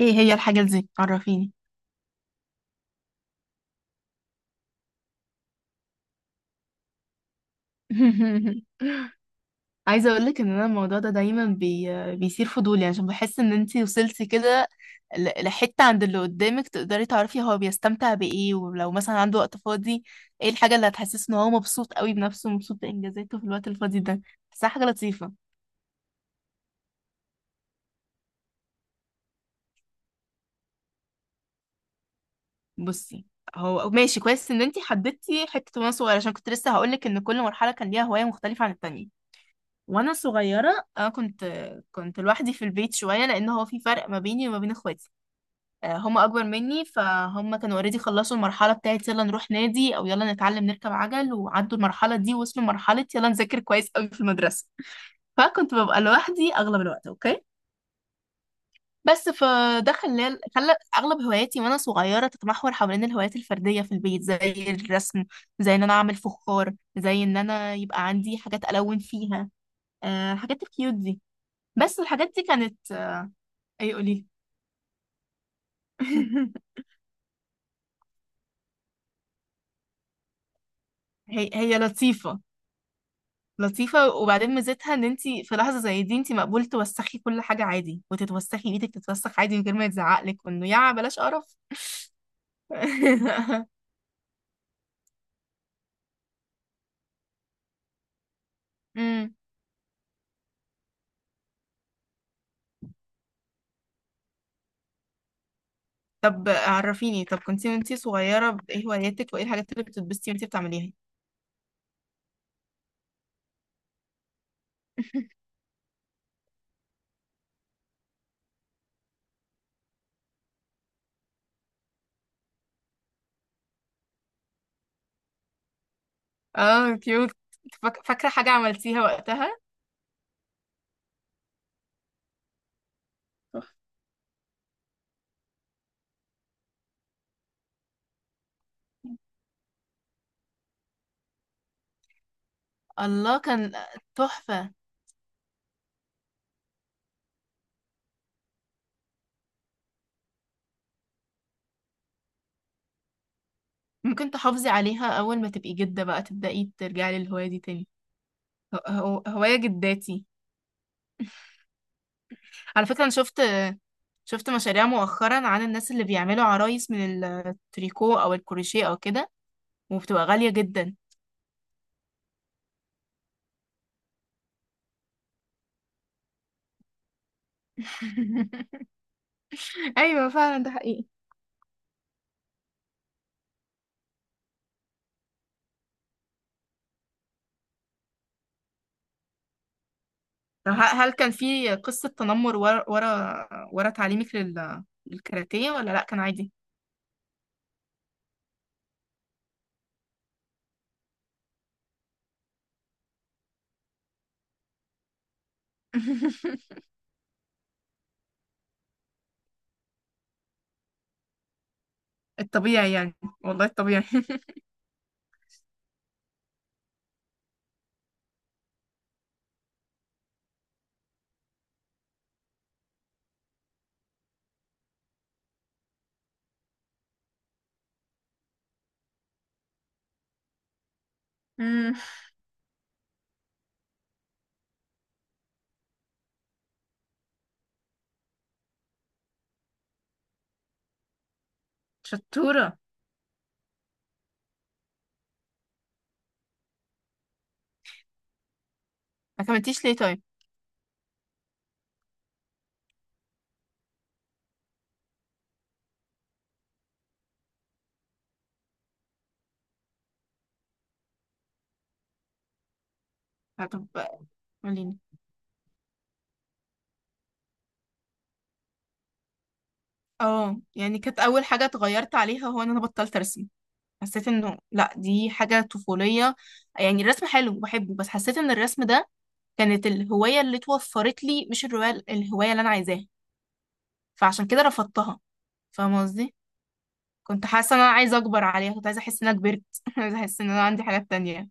ايه هي الحاجة دي، عرفيني. عايزة اقولك ان انا الموضوع ده دايما بيثير فضولي، عشان بحس ان انتي وصلتي كده لحتة عند اللي قدامك، تقدري تعرفي هو بيستمتع بايه، ولو مثلا عنده وقت فاضي، ايه الحاجة اللي هتحسسه ان هو مبسوط قوي بنفسه ومبسوط بانجازاته في الوقت الفاضي ده. بحسها حاجة لطيفة. بصي، هو ماشي كويس ان انتي حددتي حتة وانا صغيرة، عشان كنت لسه هقولك ان كل مرحلة كان ليها هواية مختلفة عن التانية. وانا صغيره، كنت لوحدي في البيت شويه، لان هو في فرق ما بيني وما بين اخواتي. هم اكبر مني، فهم كانوا اوريدي خلصوا المرحله بتاعت يلا نروح نادي او يلا نتعلم نركب عجل، وعدوا المرحله دي وصلوا مرحله يلا نذاكر كويس قوي في المدرسه. فكنت ببقى لوحدي اغلب الوقت. اوكي، بس فده خلى اغلب هواياتي وانا صغيره تتمحور حوالين الهوايات الفرديه في البيت، زي الرسم، زي ان انا اعمل فخار، زي ان انا يبقى عندي حاجات الون فيها، الحاجات الكيوت دي. بس الحاجات دي كانت، اي قولي. هي لطيفة. لطيفة، وبعدين ميزتها ان انت في لحظة زي دي انت مقبول توسخي كل حاجة عادي، وتتوسخي ايدك تتوسخ عادي من غير ما يتزعقلك وانه يا بلاش قرف. امم طب عرفيني، طب كنتي وانتي صغيرة ايه هواياتك وايه الحاجات اللي بتتبسطي وانتي بتعمليها؟ اه كيوت. فاكرة حاجة عملتيها وقتها؟ تحفة. الله، كان تحفة. ممكن تحافظي عليها، أول ما تبقي جدة بقى تبدأي ترجعي للهواية دي تاني. هواية جداتي. على فكرة أنا شفت مشاريع مؤخرا عن الناس اللي بيعملوا عرايس من التريكو أو الكروشيه أو كده، وبتبقى غالية جدا. ايوه فعلا، ده حقيقي. طب هل كان في قصة تنمر ورا تعليمك للكاراتيه، ولا لأ كان عادي؟ الطبيعي يعني. والله الطبيعي. أمم. شطورة. ما كملتيش ليه طيب؟ طب قوليلي. اه يعني كانت أول حاجة اتغيرت عليها هو إن أنا بطلت أرسم. حسيت انه لا، دي حاجة طفولية. يعني الرسم حلو وبحبه، بس حسيت ان الرسم ده كانت الهواية اللي توفرت لي، مش الرواية الهواية اللي انا عايزاها. فعشان كده رفضتها، فاهمة قصدي؟ كنت حاسة ان انا عايزة اكبر عليها، كنت عايزة احس ان انا كبرت. عايزة احس ان انا عندي حاجات تانية.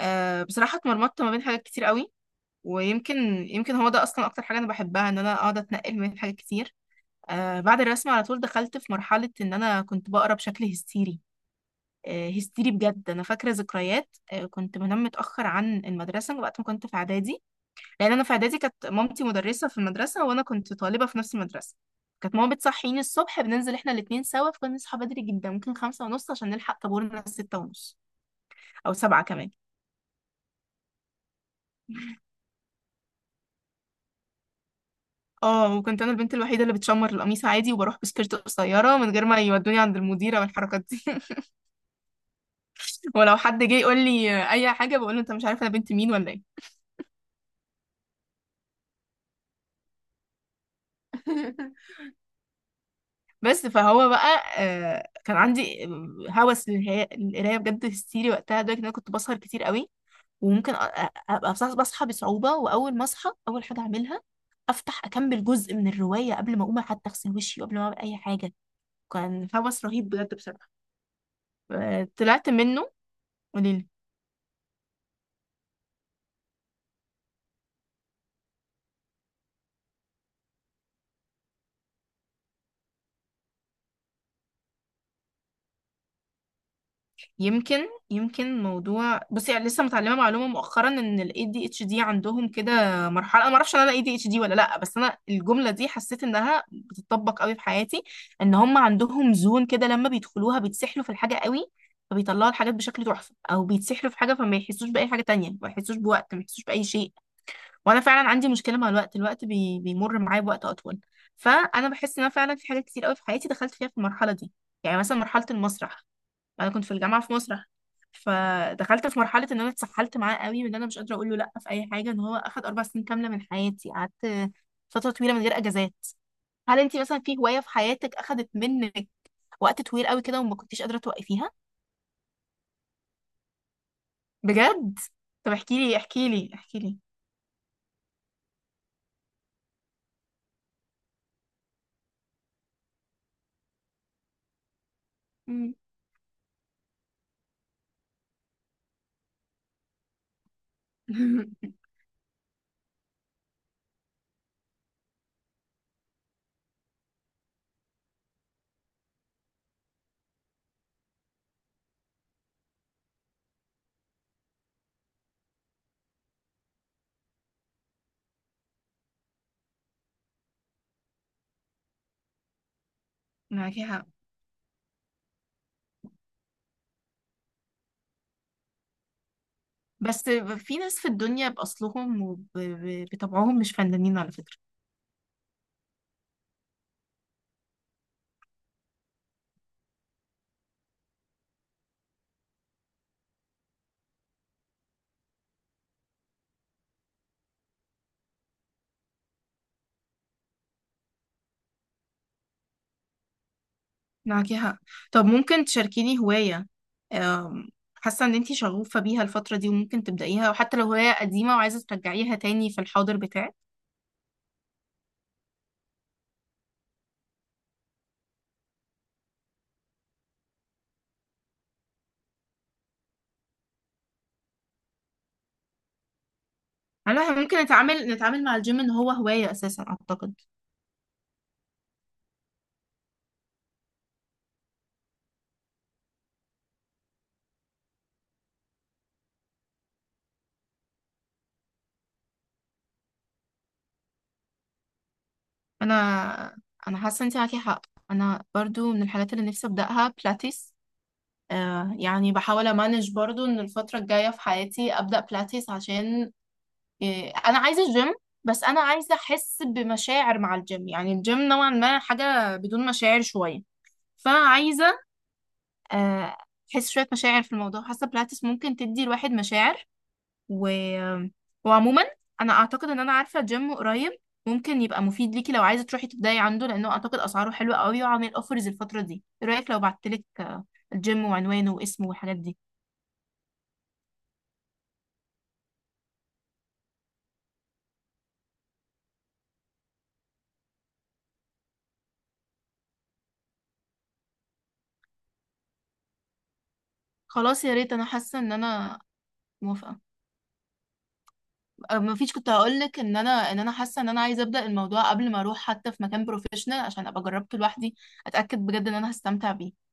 أه بصراحة اتمرمطت ما بين حاجات كتير قوي. ويمكن، هو ده اصلا اكتر حاجة انا بحبها، ان انا اقعد اتنقل ما بين حاجات كتير. أه بعد الرسم على طول دخلت في مرحلة ان انا كنت بقرا بشكل هستيري. هستيري بجد. انا فاكره ذكريات، كنت بنام متاخر عن المدرسه وقت ما كنت في اعدادي. لان انا في اعدادي كانت مامتي مدرسه في المدرسه، وانا كنت طالبه في نفس المدرسه. كانت ماما بتصحيني الصبح، بننزل احنا الاتنين سوا، فكنا نصحى بدري جدا، ممكن 5:30 عشان نلحق طابورنا 6:30 او 7 كمان. اه وكنت انا البنت الوحيده اللي بتشمر القميص عادي وبروح بسكيرت قصيره من غير ما يودوني عند المديره والحركات دي. ولو حد جه يقول لي اي حاجه بقول له انت مش عارف انا بنت مين ولا ايه؟ بس فهو بقى، كان عندي هوس للقرايه بجد، هستيري وقتها، لدرجه ان انا كنت بسهر كتير قوي. وممكن ابقى بصحى بصعوبه، واول ما اصحى اول حاجه اعملها افتح اكمل جزء من الروايه قبل ما اقوم حتى اغسل وشي وقبل ما اعمل اي حاجه. كان هوس رهيب بجد بصراحه. طلعت منه. يمكن، موضوع، بصي، يعني لسه متعلمه معلومه مؤخرا ان ال ADHD عندهم كده مرحله. انا ما اعرفش ان انا ADHD ولا لا، بس انا الجمله دي حسيت انها بتطبق قوي في حياتي. ان هم عندهم زون كده لما بيدخلوها بيتسحلوا في الحاجه قوي، فبيطلعوا الحاجات بشكل تحفه، او بيتسحلوا في حاجه فما يحسوش باي حاجه تانية، ما يحسوش بوقت، ما يحسوش باي شيء. وانا فعلا عندي مشكله مع الوقت. الوقت بيمر معايا بوقت اطول. فانا بحس ان انا فعلا في حاجات كتير قوي في حياتي دخلت فيها في المرحله دي. يعني مثلا مرحله المسرح، انا كنت في الجامعه في مسرح، فدخلت في مرحله ان انا اتسحلت معاه قوي من ان انا مش قادره اقول له لا في اي حاجه، ان هو اخد 4 سنين كامله من حياتي. قعدت فتره طويله من غير اجازات. هل انت مثلا في هوايه في حياتك اخدت منك وقت طويل قوي كده وما كنتيش قادره توقفيها؟ بجد طب احكي لي احكي لي احكي لي. مم. معاكي حق. بس في ناس في الدنيا بأصلهم وبطبعهم مش فنانين على فكرة. معاكي حق. طب ممكن تشاركيني هواية، أم، حاسة ان انتي شغوفة بيها الفترة دي وممكن تبدأيها، وحتى لو هواية قديمة وعايزة ترجعيها تاني في الحاضر بتاعك؟ انا، إحنا ممكن نتعامل مع الجيم ان هو هواية اساسا اعتقد. انا انا حاسة انتي معاكي حق. انا برضو من الحاجات اللي نفسي ابدأها بلاتيس. آه يعني بحاول امانج برضو ان الفترة الجاية في حياتي ابدأ بلاتيس، عشان إيه، انا عايزه الجيم. بس انا عايزه احس بمشاعر مع الجيم، يعني الجيم نوعا ما حاجه بدون مشاعر شويه، فانا عايزه آه، احس شويه مشاعر في الموضوع. حاسه بلاتس ممكن تدي الواحد مشاعر. و... آه، وعموما انا اعتقد ان انا عارفه جيم قريب ممكن يبقى مفيد ليكي لو عايزه تروحي تبداي عنده، لانه اعتقد اسعاره حلوه قوي وعامل اوفرز الفتره دي. ايه رايك لو بعتلك الجيم وعنوانه واسمه والحاجات دي؟ خلاص يا ريت. انا حاسه ان انا موافقه. ما فيش، كنت هقول لك ان انا حاسه ان انا عايزه ابدا الموضوع قبل ما اروح حتى في مكان بروفيشنال، عشان ابقى جربته لوحدي اتاكد بجد ان انا هستمتع بيه.